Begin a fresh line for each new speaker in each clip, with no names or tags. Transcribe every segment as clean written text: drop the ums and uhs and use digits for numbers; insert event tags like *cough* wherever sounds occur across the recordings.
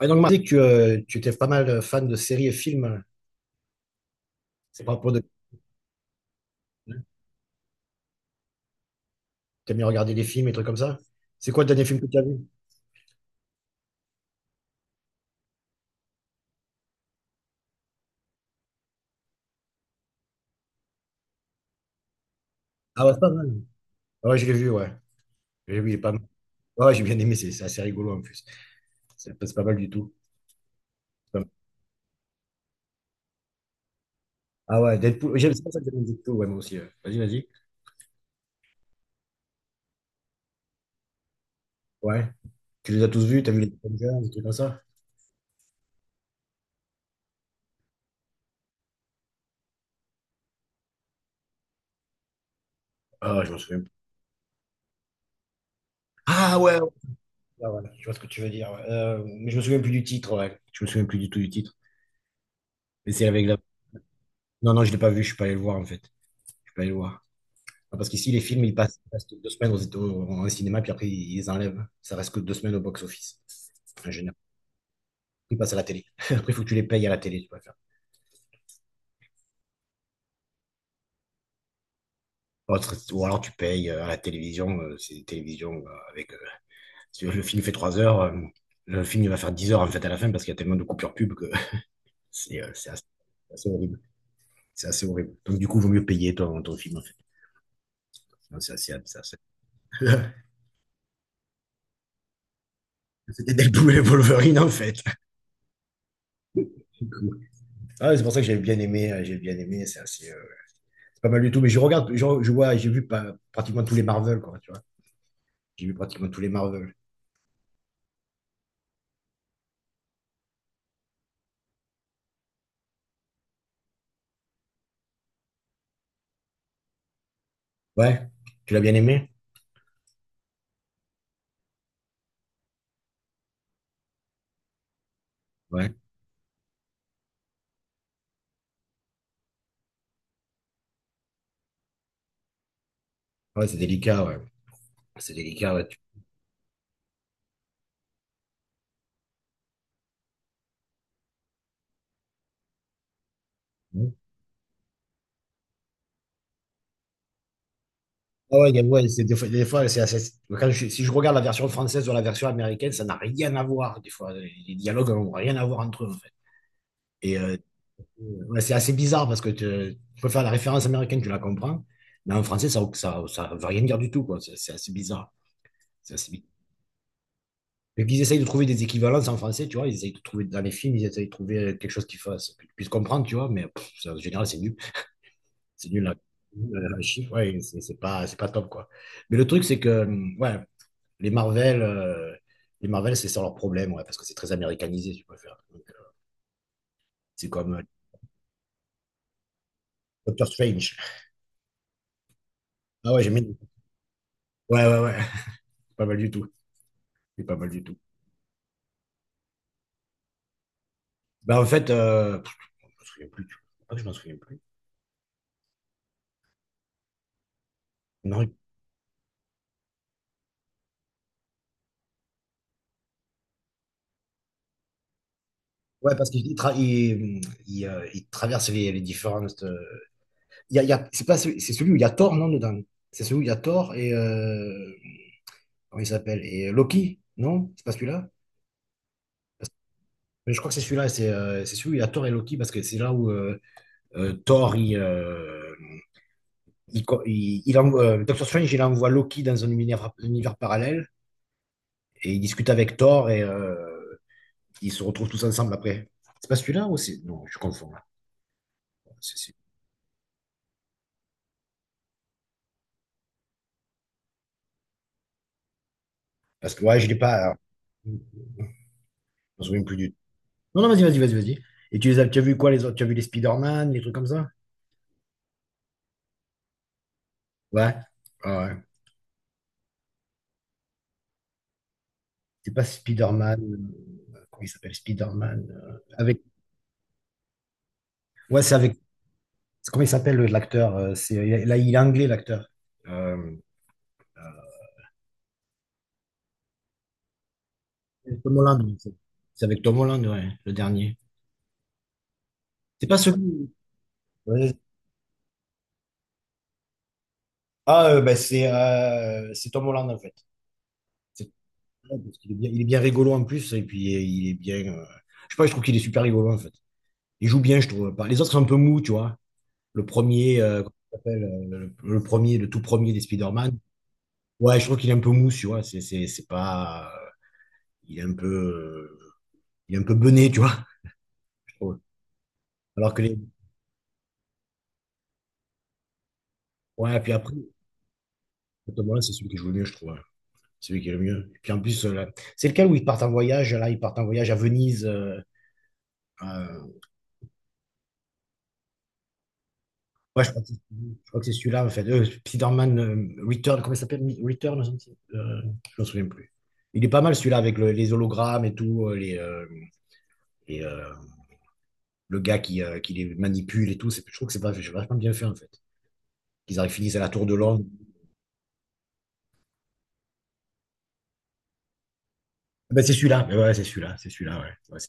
Ouais, donc, Marc, tu étais pas mal fan de séries et films, hein. C'est pas pour de, hein. T'aimes bien regarder des films et trucs comme ça? C'est quoi le dernier film que tu as vu? Ah ouais, c'est pas mal. Ah ouais, je l'ai vu, ouais. J'ai vu, il est pas mal. Ah ouais, j'ai bien aimé, c'est assez rigolo en plus. C'est pas mal du tout. C'est pas mal. Ah ouais, Deadpool. J'aime C'est pour ça que j'aime Deadpool, ouais, moi aussi, ouais. Vas-y, vas-y. Ouais. Tu les as tous vus, t'as vu les Avengers, des trucs comme ça? Ah, ouais, je me souviens plus. Ah ouais, ouais, ouais, ouais, je vois ce que tu veux dire, ouais. Mais je me souviens plus du titre, ouais. Je me souviens plus du tout du titre. Mais c'est avec la. Non, non, je l'ai pas vu, je suis pas allé le voir en fait. Je suis pas allé le voir. Enfin, parce qu'ici, les films, ils passent, ils restent 2 semaines au cinéma, puis après, ils les enlèvent. Ça reste que 2 semaines au box-office. En général, ils passent à la télé. *laughs* Après, il faut que tu les payes à la télé, tu vas faire. Ou alors, tu payes à la télévision. C'est une télévision avec. Si le film fait 3 heures, le film, il va faire 10 heures, en fait, à la fin, parce qu'il y a tellement de coupures pub que *laughs* c'est euh, c'est assez, c'est assez horrible. C'est assez horrible. Donc, du coup, il vaut mieux payer ton film, en fait. Non, c'est assez, c'est assez. *laughs* C'était Deadpool et Wolverine, en fait. *laughs* Du coup. Ah, c'est pour ça que j'ai bien aimé. J'ai bien aimé. C'est assez, pas mal du tout. Mais je regarde, je vois, j'ai vu pas, pratiquement tous les Marvel, quoi, tu vois. J'ai vu pratiquement tous les Marvel. Ouais. Tu l'as bien aimé? Ouais. Ouais, c'est délicat, ouais. C'est délicat, ouais. Ah ouais, ouais, c'est des fois, si je regarde la version française ou la version américaine, ça n'a rien à voir. Des fois, les dialogues n'ont rien à voir entre eux, en fait. Et euh, ouais, c'est assez bizarre parce que tu peux faire la référence américaine, tu la comprends, mais en français, ça veut rien dire du tout, quoi. C'est assez bizarre. C'est assez bizarre. Donc, ils essayent de trouver des équivalences en français, tu vois. Ils essayent de trouver dans les films, ils essayent de trouver quelque chose qui fasse, que tu puisses comprendre, tu vois. Mais pff, ça, en général, c'est nul. C'est nul, la chiffre. Ouais, c'est pas top, quoi. Mais le truc, c'est que, ouais, les Marvel, euh, les Marvel, c'est ça leur problème, ouais, parce que c'est très américanisé, tu peux faire. Donc, c'est comme Doctor Strange. Ah ouais, j'aime bien. Ouais, ouais, ouais. *laughs* Pas mal du tout. C'est pas mal du tout. Bah, en fait, pff, je m'en souviens plus, tu vois. Pas que je m'en souviens plus. Non. Ouais, parce qu'il traverse les différentes. C'est pas celui, c'est celui où il y a Thor, non, dedans. C'est celui où il y a Thor et comment il s'appelle? Et Loki, non? C'est pas celui-là? Parce- mais je crois que c'est celui-là, c'est celui où il y a Thor et Loki parce que c'est là où Thor il envoie, Doctor Strange il envoie Loki dans un univers, parallèle et il discute avec Thor et ils se retrouvent tous ensemble après. C'est pas celui-là ou c'est. Non, je confonds là. C'est- c'est- Parce que ouais, je l'ai pas. Je me souviens plus du. Non, non, vas-y, vas-y, vas-y, vas-y. Et tu as vu quoi les autres? Tu as vu les Spider-Man, les trucs comme ça? Ouais. Ah ouais. C'est pas Spider-Man, comment il s'appelle? Spider-Man, avec. Ouais, c'est avec. Comment il s'appelle l'acteur? C'est là, il est anglais l'acteur. Euh, c'est Tom Holland. C'est avec Tom Holland, ouais, le dernier. C'est pas celui. Ouais. Ah, ben, c'est Tom Holland en fait. C'est Tom Holland, parce qu'il est bien, il est bien rigolo en plus et puis il est bien, je sais pas, je trouve qu'il est super rigolo en fait. Il joue bien, je trouve. Les autres sont un peu mous, tu vois. Le premier, comment ça s'appelle, le premier, le tout premier des Spider-Man. Ouais, je trouve qu'il est un peu mou, tu vois. C'est pas, il est un peu, il est un peu bené, tu vois, je trouve. Alors que ouais, puis après, Tom Holland, c'est celui qui joue le mieux, je trouve, hein. Celui qui est le mieux. Puis en plus, là, c'est lequel où ils partent en voyage. Là, ils partent en voyage à Venise. Euh, ouais, je crois que c'est celui-là, en fait. Spider-Man Return, comment il s'appelle? Return, je me souviens plus. Il est pas mal celui-là avec les hologrammes et tout, les, et, le gars qui les manipule et tout. Je trouve que c'est pas- c'est vachement bien fait, en fait. Qu'ils arrivent, finissent à la tour de Londres. Ah ben, c'est celui-là. Mais ouais, c'est celui-là. C'est celui-là, ouais. Ouais, c'est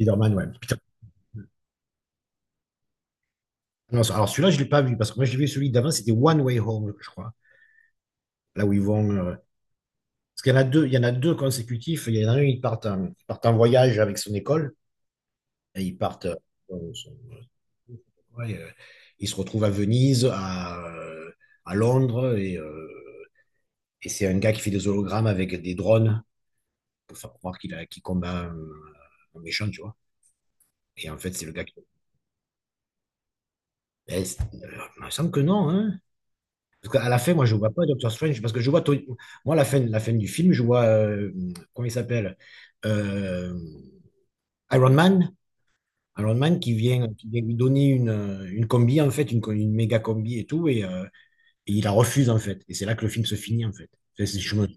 Spider-Man, ouais. Putain. Non, alors, celui-là, je l'ai pas vu parce que moi, j'ai vu celui d'avant. C'était One Way Home, je crois. Là où ils vont. Parce qu'il y en a deux, il y en a deux consécutifs. Il y en a un, ils partent en voyage avec son école et ils partent. Son- son- euh, ouais, ils se retrouvent à Venise, à Londres et. Et c'est un gars qui fait des hologrammes avec des drones pour faire croire qu'il combat un méchant, tu vois. Et en fait, c'est le gars qui. Ben, il me semble que non, hein. Parce qu'à la fin, moi, je vois pas Doctor Strange, parce que je vois. Moi, la fin du film, je vois. Comment il s'appelle? Euh, Iron Man. Iron Man qui vient lui donner une combi, en fait, une méga combi et tout, et il la refuse, en fait. Et c'est là que le film se finit, en fait. C'est- c'est- je me-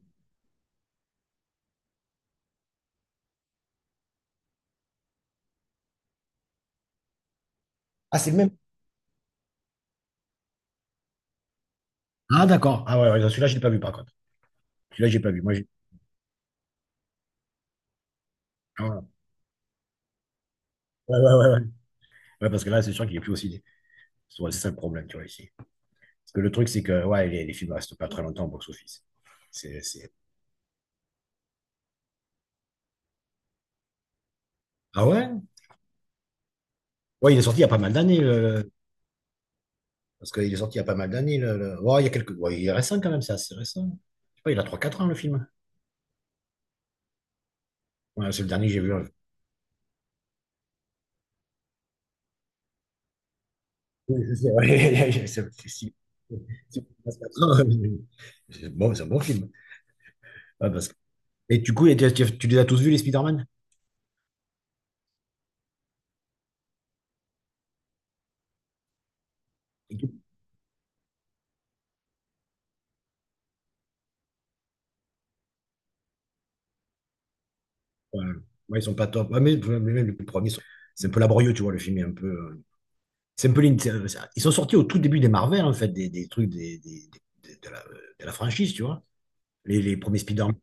Ah, c'est le même. Ah, d'accord. Ah, ouais, ouais, celui-là, je l'ai pas vu, par contre. Celui-là, j'ai pas vu. Moi, j'ai. Ah, ouais, ouais, ouais, ouais. Ouais, ouais, parce que là, c'est sûr qu'il est plus aussi. C'est ça le problème, tu vois, ici. Parce que le truc, c'est que ouais, les films ne restent pas très longtemps au box-office. C'est… Ah ouais? Ouais, il est sorti il y a pas mal d'années. Parce qu'il est sorti il y a pas mal d'années. Ouais, il y a quelques… ouais, il est récent quand même, c'est assez récent. Je sais pas, il a trois quatre ans, le film. Ouais, c'est le dernier que j'ai vu, hein. *laughs* Oui, c'est vrai. Ouais, *laughs* 4 ans, *laughs* bon, c'est un bon film. Ouais, Et du coup, tu les as tous vus, les Spider-Man? Ouais, ouais, ils sont pas top. Ouais, mais même les premiers, sont… c'est un peu laborieux, tu vois, le film est un peu… Sempoline, ils sont sortis au tout début des Marvel, en fait, des trucs de la franchise, tu vois. Les premiers Spider-Man.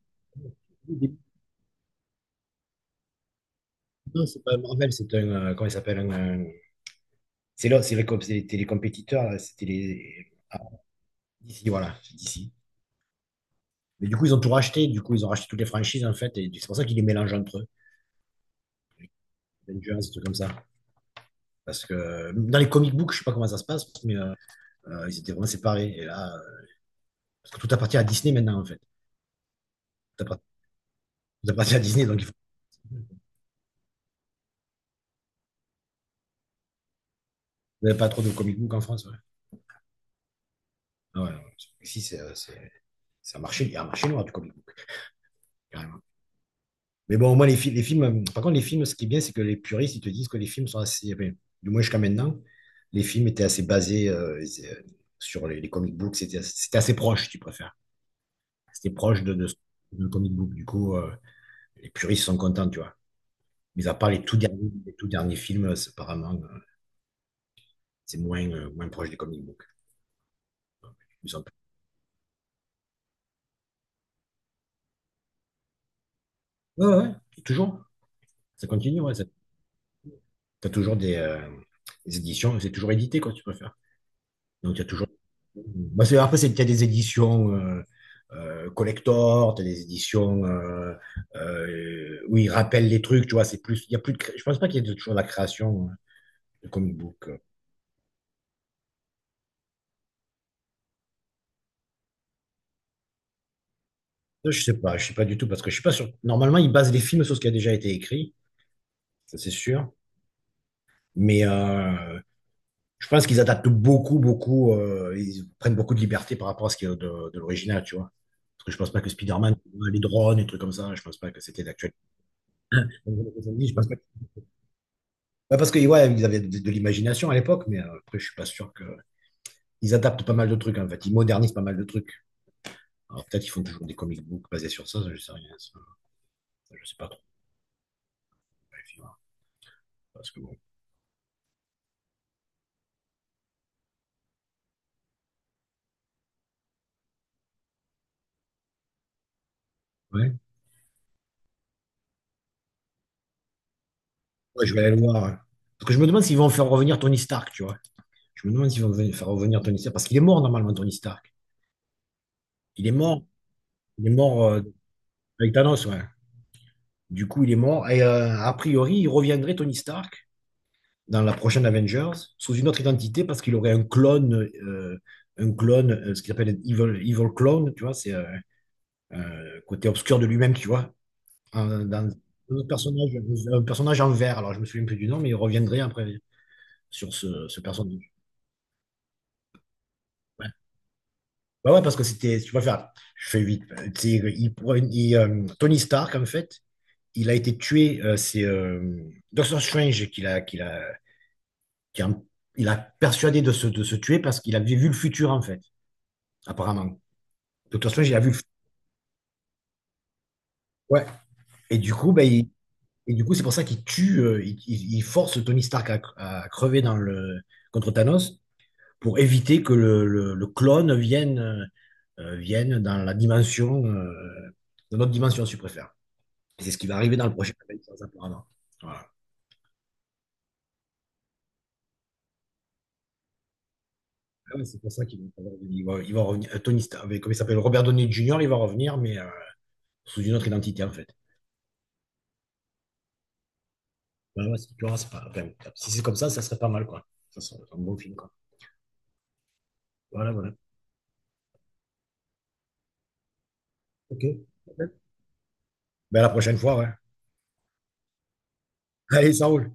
Non, c'est pas Marvel, c'est un. Comment il s'appelle un, un- C'est là, c'était les compétiteurs, là, c'était les. Ah, DC, voilà, c'est DC. Mais du coup, ils ont tout racheté, du coup, ils ont racheté toutes les franchises, en fait, et c'est pour ça qu'ils les mélangent entre eux. Avengers, des trucs comme ça. Parce que dans les comic books, je sais pas comment ça se passe, mais ils étaient vraiment séparés. Et là, parce que tout appartient à Disney maintenant, en fait. Tout appart- Tout appartient à Disney, donc il faut. Vous n'avez pas trop de comic book en France, ouais. Ouais, ouais. Ici, c'est c'est un marché, il y a un marché noir du comic book, carrément. Mais bon, au moins, les films, par contre, les films, ce qui est bien, c'est que les puristes, ils te disent que les films sont assez, enfin, du moins jusqu'à maintenant, les films étaient assez basés sur les comic books, c'était assez proche, si tu préfères. C'était proche de comic book, du coup, les puristes sont contents, tu vois. Mais à part les tout derniers films, c'est apparemment, c'est moins, moins proche des comic books. Ils sont- Ouais, ouais, ouais. Toujours, ça continue, ouais. T'as toujours des éditions, c'est toujours édité, quoi, tu préfères. Donc, il y a toujours. Bah, après, c'est, qu'il y a des éditions collector, t'as des éditions où ils rappellent les trucs, tu vois. Il y a plus de, je pense pas qu'il y ait toujours la création de comic book. Ça, je sais pas, je sais pas du tout parce que je suis pas sûr. Normalement, ils basent les films sur ce qui a déjà été écrit, ça c'est sûr. Mais je pense qu'ils adaptent beaucoup, beaucoup. Ils prennent beaucoup de liberté par rapport à ce qui est de l'original, tu vois. Parce que je pense pas que Spider-Man, les drones, et trucs comme ça, je pense pas que c'était d'actualité. Je pense Ouais, parce que ouais, ils avaient de l'imagination à l'époque, mais après, je suis pas sûr que. Ils adaptent pas mal de trucs, hein, en fait. Ils modernisent pas mal de trucs. Alors peut-être qu'ils font toujours des comic books basés sur ça, ça, je sais rien. Ça. Je sais pas trop. Ouais, puis, voilà. Parce que bon. Ouais. Ouais, je vais aller le voir, hein. Parce que je me demande s'ils vont faire revenir Tony Stark, tu vois. Je me demande s'ils vont faire revenir Tony Stark. Parce qu'il est mort normalement, Tony Stark. Il est mort. Il est mort avec Thanos, ouais. Du coup, il est mort. Et a priori, il reviendrait Tony Stark dans la prochaine Avengers sous une autre identité parce qu'il aurait un clone, ce qu'ils appellent evil clone, tu vois, c'est un côté obscur de lui-même, tu vois, dans un autre personnage, un personnage en vert. Alors je me souviens plus du nom, mais il reviendrait après sur ce personnage. Ouais. Bah ouais, parce que c'était, tu vois, faire, je fais vite. Tony Stark, en fait, il a été tué. C'est Doctor Strange qui l'a, qui l'a, qui a- il a persuadé de de se tuer parce qu'il avait vu le futur, en fait, apparemment. Doctor Strange, il a vu le. Ouais. Et du coup, ben, il- et du coup, c'est pour ça qu'il tue, il force Tony Stark à crever dans contre Thanos pour éviter que le clone vienne, vienne dans la dimension, dans notre dimension, si tu préfères. Et c'est ce qui va arriver dans le prochain Avengers, apparemment. Voilà. Ah ouais, c'est pour ça qu'il va, il va revenir. Tony Stark, avec- comment il s'appelle? Robert Downey Jr., il va revenir, mais sous une autre identité, en fait. Ouais, ouais, tu vois, c'est pas- enfin, si c'est comme ça serait pas mal, quoi. Ça serait un bon film, quoi. Voilà, voilà. Ok. Ben, à la prochaine fois, ouais. Allez, ça roule.